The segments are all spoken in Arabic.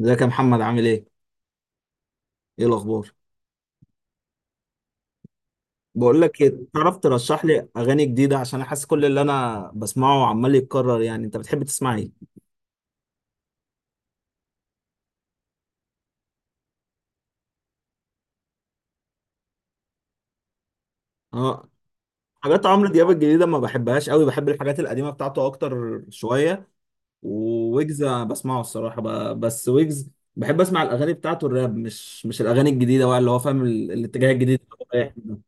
ازيك يا محمد، عامل ايه؟ ايه الاخبار؟ بقول لك ايه، تعرف ترشح لي اغاني جديده؟ عشان احس كل اللي انا بسمعه عمال يتكرر، يعني انت بتحب تسمع ايه؟ اه. حاجات عمرو دياب الجديده ما بحبهاش قوي، بحب الحاجات القديمه بتاعته اكتر شويه. وويجز أنا بسمعه الصراحه، بس ويجز بحب اسمع الاغاني بتاعته الراب، مش الاغاني الجديده بقى اللي هو فاهم الاتجاه الجديد اللي هو رايح منه.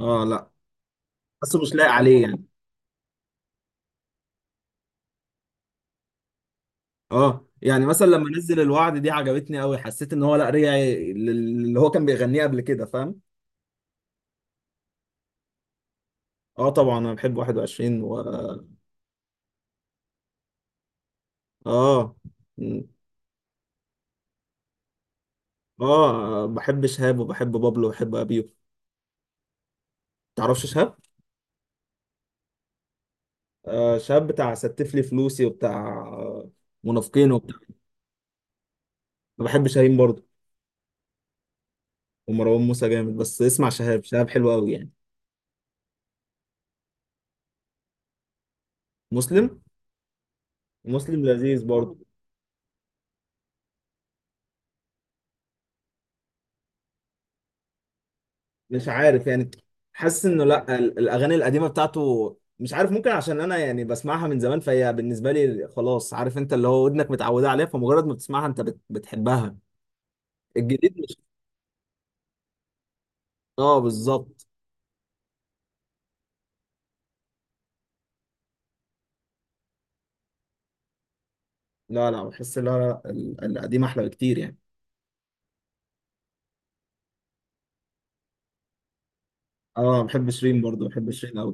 اه، لا بس مش لايق عليه يعني. اه يعني مثلا لما نزل الوعد دي عجبتني قوي، حسيت ان هو لا، رجع اللي هو كان بيغنيه قبل كده، فاهم. اه طبعا انا بحب 21 و اه. م. اه بحب شهاب، وبحب بابلو، وبحب ابيو. تعرفش شهاب؟ آه، شهاب بتاع ستف لي فلوسي، وبتاع منافقين، وبتاع. انا بحب شاهين برضه، ومروان موسى جامد، بس اسمع شهاب. شهاب حلو قوي يعني. مسلم. مسلم لذيذ برضه. مش عارف يعني. حاسس انه لا، الاغاني القديمه بتاعته، مش عارف، ممكن عشان انا يعني بسمعها من زمان، فهي بالنسبه لي خلاص، عارف انت، اللي هو ودنك متعوده عليها، فمجرد ما بتسمعها انت بتحبها. الجديد مش. اه بالظبط. لا لا بحس، لا لا، القديم احلى بكتير يعني. اه بحب شيرين برضو، بحب شيرين قوي.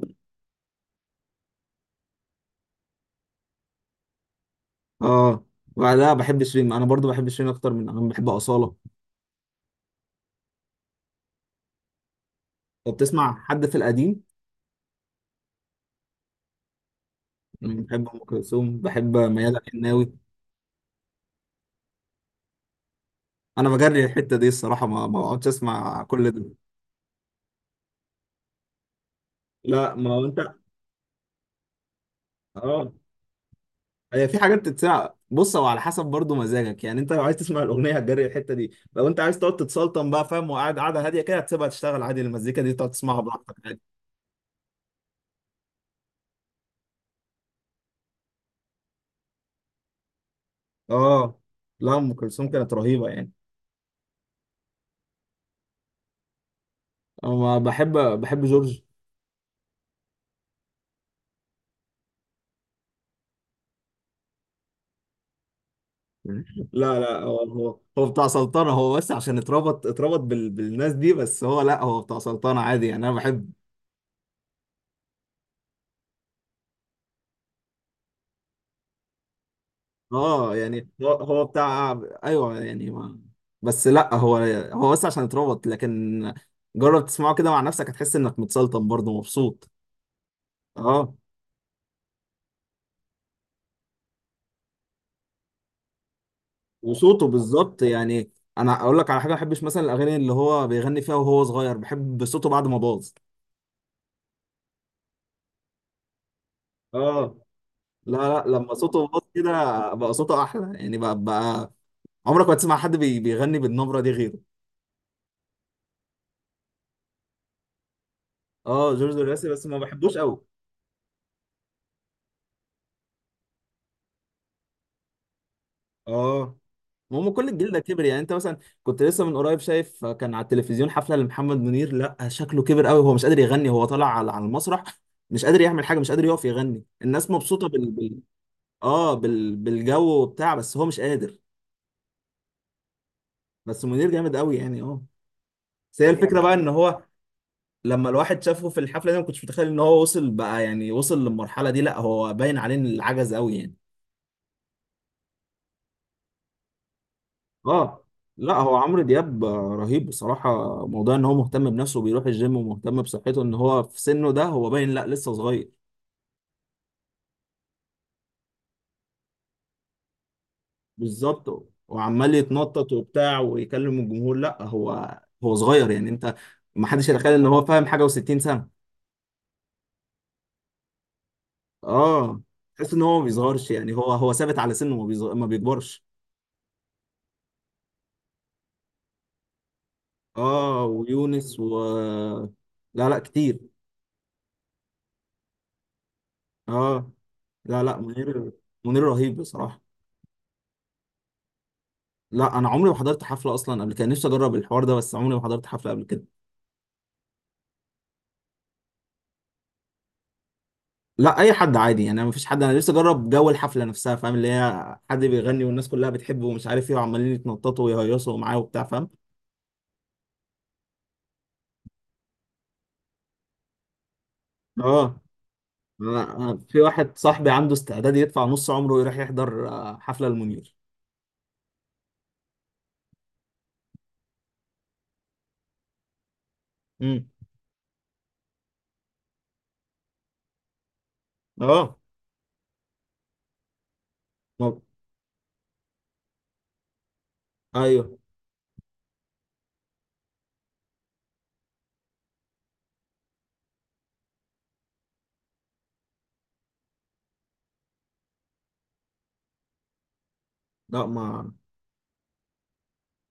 اه. لا بحب شيرين، انا برضو بحب شيرين اكتر من، انا بحب اصاله. طب تسمع حد في القديم؟ أنا بحب ام كلثوم، بحب ميادة الحناوي. انا بجري الحته دي الصراحه، ما بقعدش اسمع كل ده. لا ما هو انت. اه هي في حاجات تتسمع، بص هو على حسب برضو مزاجك، يعني انت لو عايز تسمع الاغنيه هتجري الحته دي، لو انت عايز تقعد تتسلطن بقى، فاهم، وقاعد قاعده هاديه كده، هتسيبها تشتغل عادي، المزيكا دي تقعد تسمعها براحتك عادي. اه، لا ام كلثوم كانت رهيبه يعني. انا بحب جورج. لا لا، هو بتاع سلطنه، هو بس عشان اتربط، بالناس دي، بس هو لا، هو بتاع سلطنه عادي يعني، انا بحب. اه يعني هو بتاع. ايوه يعني ما، بس لا هو، هو بس عشان اتربط، لكن جرب تسمعه كده مع نفسك، هتحس انك متسلطن برضه مبسوط. اه، وصوته بالظبط يعني. انا اقول لك على حاجه، ما بحبش مثلا الاغاني اللي هو بيغني فيها وهو صغير، بحب صوته بعد ما باظ. اه، لا لا لما صوته باظ كده، بقى صوته احلى يعني، بقى. عمرك ما تسمع حد بيغني بالنبره دي غيره. اه جورج الراسي بس ما بحبوش قوي. اه، ما هم كل الجيل ده كبر يعني. انت مثلا كنت لسه من قريب شايف، كان على التلفزيون حفله لمحمد منير، لا شكله كبر قوي، هو مش قادر يغني، هو طالع على المسرح، مش قادر يعمل حاجه، مش قادر يقف يغني، الناس مبسوطه اه بالجو وبتاع، بس هو مش قادر. بس منير جامد قوي يعني، اه. بس هي الفكره بقى ان هو، لما الواحد شافه في الحفله دي، ما كنتش متخيل ان هو وصل بقى يعني، وصل للمرحله دي، لا هو باين عليه ان العجز قوي يعني. اه، لا هو عمرو دياب رهيب بصراحة. موضوع ان هو مهتم بنفسه، بيروح الجيم ومهتم بصحته، ان هو في سنه ده هو باين لا، لسه صغير. بالظبط، وعمال يتنطط وبتاع، ويكلم الجمهور، لا هو صغير يعني، انت ما حدش يتخيل ان هو، فاهم حاجة، و60 سنة. اه، تحس ان هو ما بيصغرش يعني، هو ثابت على سنه، ما بيكبرش. اه، ويونس و، لا لا كتير. اه، لا لا منير، منير رهيب بصراحة. لا انا عمري ما حضرت حفله اصلا قبل كده، نفسي اجرب الحوار ده، بس عمري ما حضرت حفله قبل كده. لا اي حد عادي يعني، ما فيش حد، انا نفسي اجرب جو الحفله نفسها، فاهم، اللي هي حد بيغني والناس كلها بتحبه ومش عارف ايه، وعمالين يتنططوا ويهيصوا معاه وبتاع، فاهم. اه، أنا في واحد صاحبي عنده استعداد يدفع نص عمره ويروح يحضر حفله المنير. امم. اه، ما- ايوه لا ما،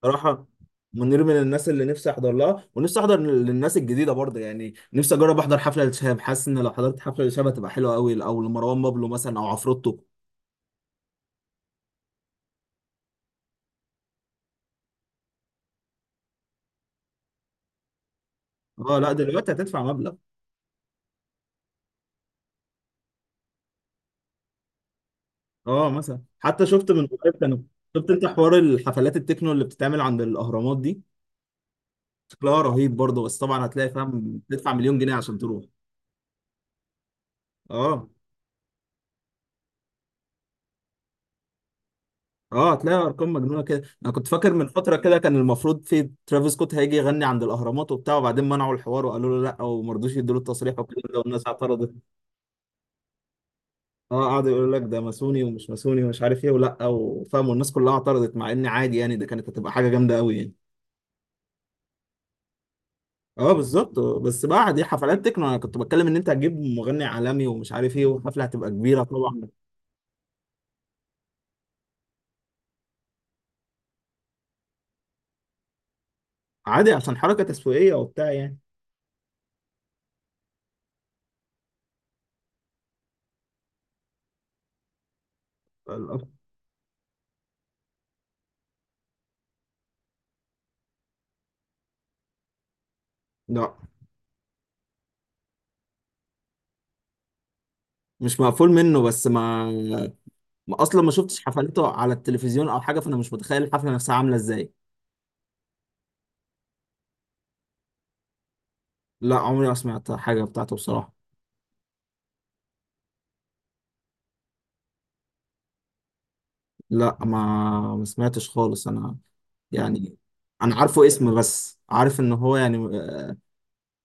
صراحة منير من الناس اللي نفسي احضر لها، ونفسي احضر للناس الجديده برضه يعني، نفسي اجرب احضر حفله لشهاب، حاسس ان لو حضرت حفله لشهاب هتبقى حلوه قوي، او لمروان بابلو مثلا، او عفروتو. اه لا، دلوقتي هتدفع مبلغ. اه مثلا، حتى شفت من قريب كانوا، شفت انت حوار الحفلات التكنو اللي بتتعمل عند الاهرامات دي؟ شكلها رهيب برضه، بس طبعا هتلاقي، فاهم، تدفع مليون جنيه عشان تروح. اه. اه، هتلاقي ارقام مجنونه كده، انا كنت فاكر من فتره كده، كان المفروض في ترافيس سكوت هيجي يغني عند الاهرامات وبتاع، وبعدين منعوا الحوار وقالوا له لا، وما رضوش يدوا له التصريح والكلام ده، والناس اعترضت. اه قعدوا يقولوا لك ده ماسوني ومش ماسوني ومش عارف ايه ولا، وفاهم، والناس كلها اعترضت، مع ان عادي يعني، ده كانت هتبقى حاجه جامده قوي يعني. اه بالظبط، بس بقى دي حفلات تكنو، انا كنت بتكلم ان انت هتجيب مغني عالمي ومش عارف ايه، والحفله هتبقى كبيره طبعا. عادي، عشان حركه تسويقيه وبتاع يعني. لا مش مقفول منه، بس ما، ما اصلا ما شفتش حفلاته على التلفزيون او حاجه، فانا مش متخيل الحفله نفسها عامله ازاي. لا عمري ما سمعت حاجه بتاعته بصراحه. لا ما، ما سمعتش خالص انا يعني. انا عارفه اسم، بس عارف ان هو يعني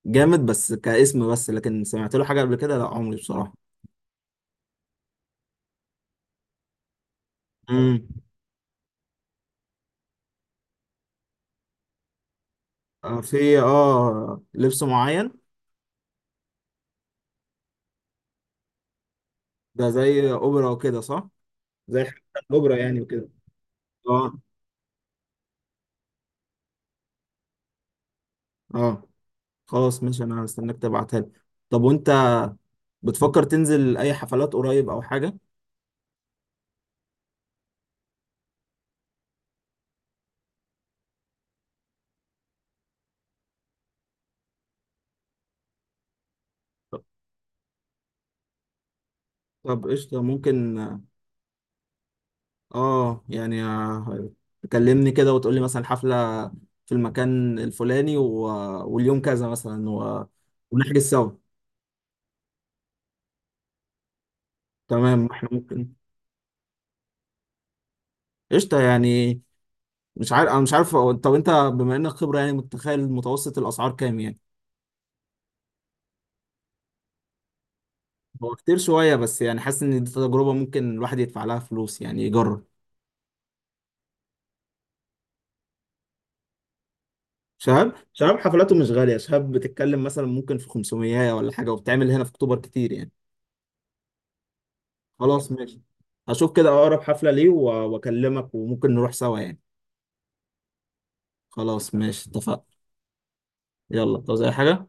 جامد، بس كاسم بس، لكن سمعت له حاجه قبل كده، لا عمري بصراحه. امم. في لبس معين؟ ده زي اوبرا وكده صح؟ زي حفلة الاوبرا يعني وكده. اه. اه، خلاص ماشي، انا هستناك تبعتها لي. طب وانت، بتفكر تنزل اي حفلات قريب او حاجه؟ طب قشطة ممكن. اه يعني، تكلمني كده وتقولي مثلا حفلة في المكان الفلاني و، واليوم كذا مثلا و، ونحجز سوا. تمام، احنا ممكن. قشطة يعني. مش عارف، انا مش عارف، طب انت بما انك خبرة يعني، متخيل متوسط الاسعار كام يعني؟ هو كتير شوية، بس يعني حاسس ان دي تجربة ممكن الواحد يدفع لها فلوس يعني، يجرب. شهاب حفلاته مش غالية، شهاب بتتكلم مثلا ممكن في 500 ولا حاجة، وبتعمل هنا في اكتوبر كتير يعني. خلاص ماشي، هشوف كده اقرب حفلة ليه واكلمك، وممكن نروح سوا يعني. خلاص ماشي اتفقنا. يلا، عاوز اي حاجة؟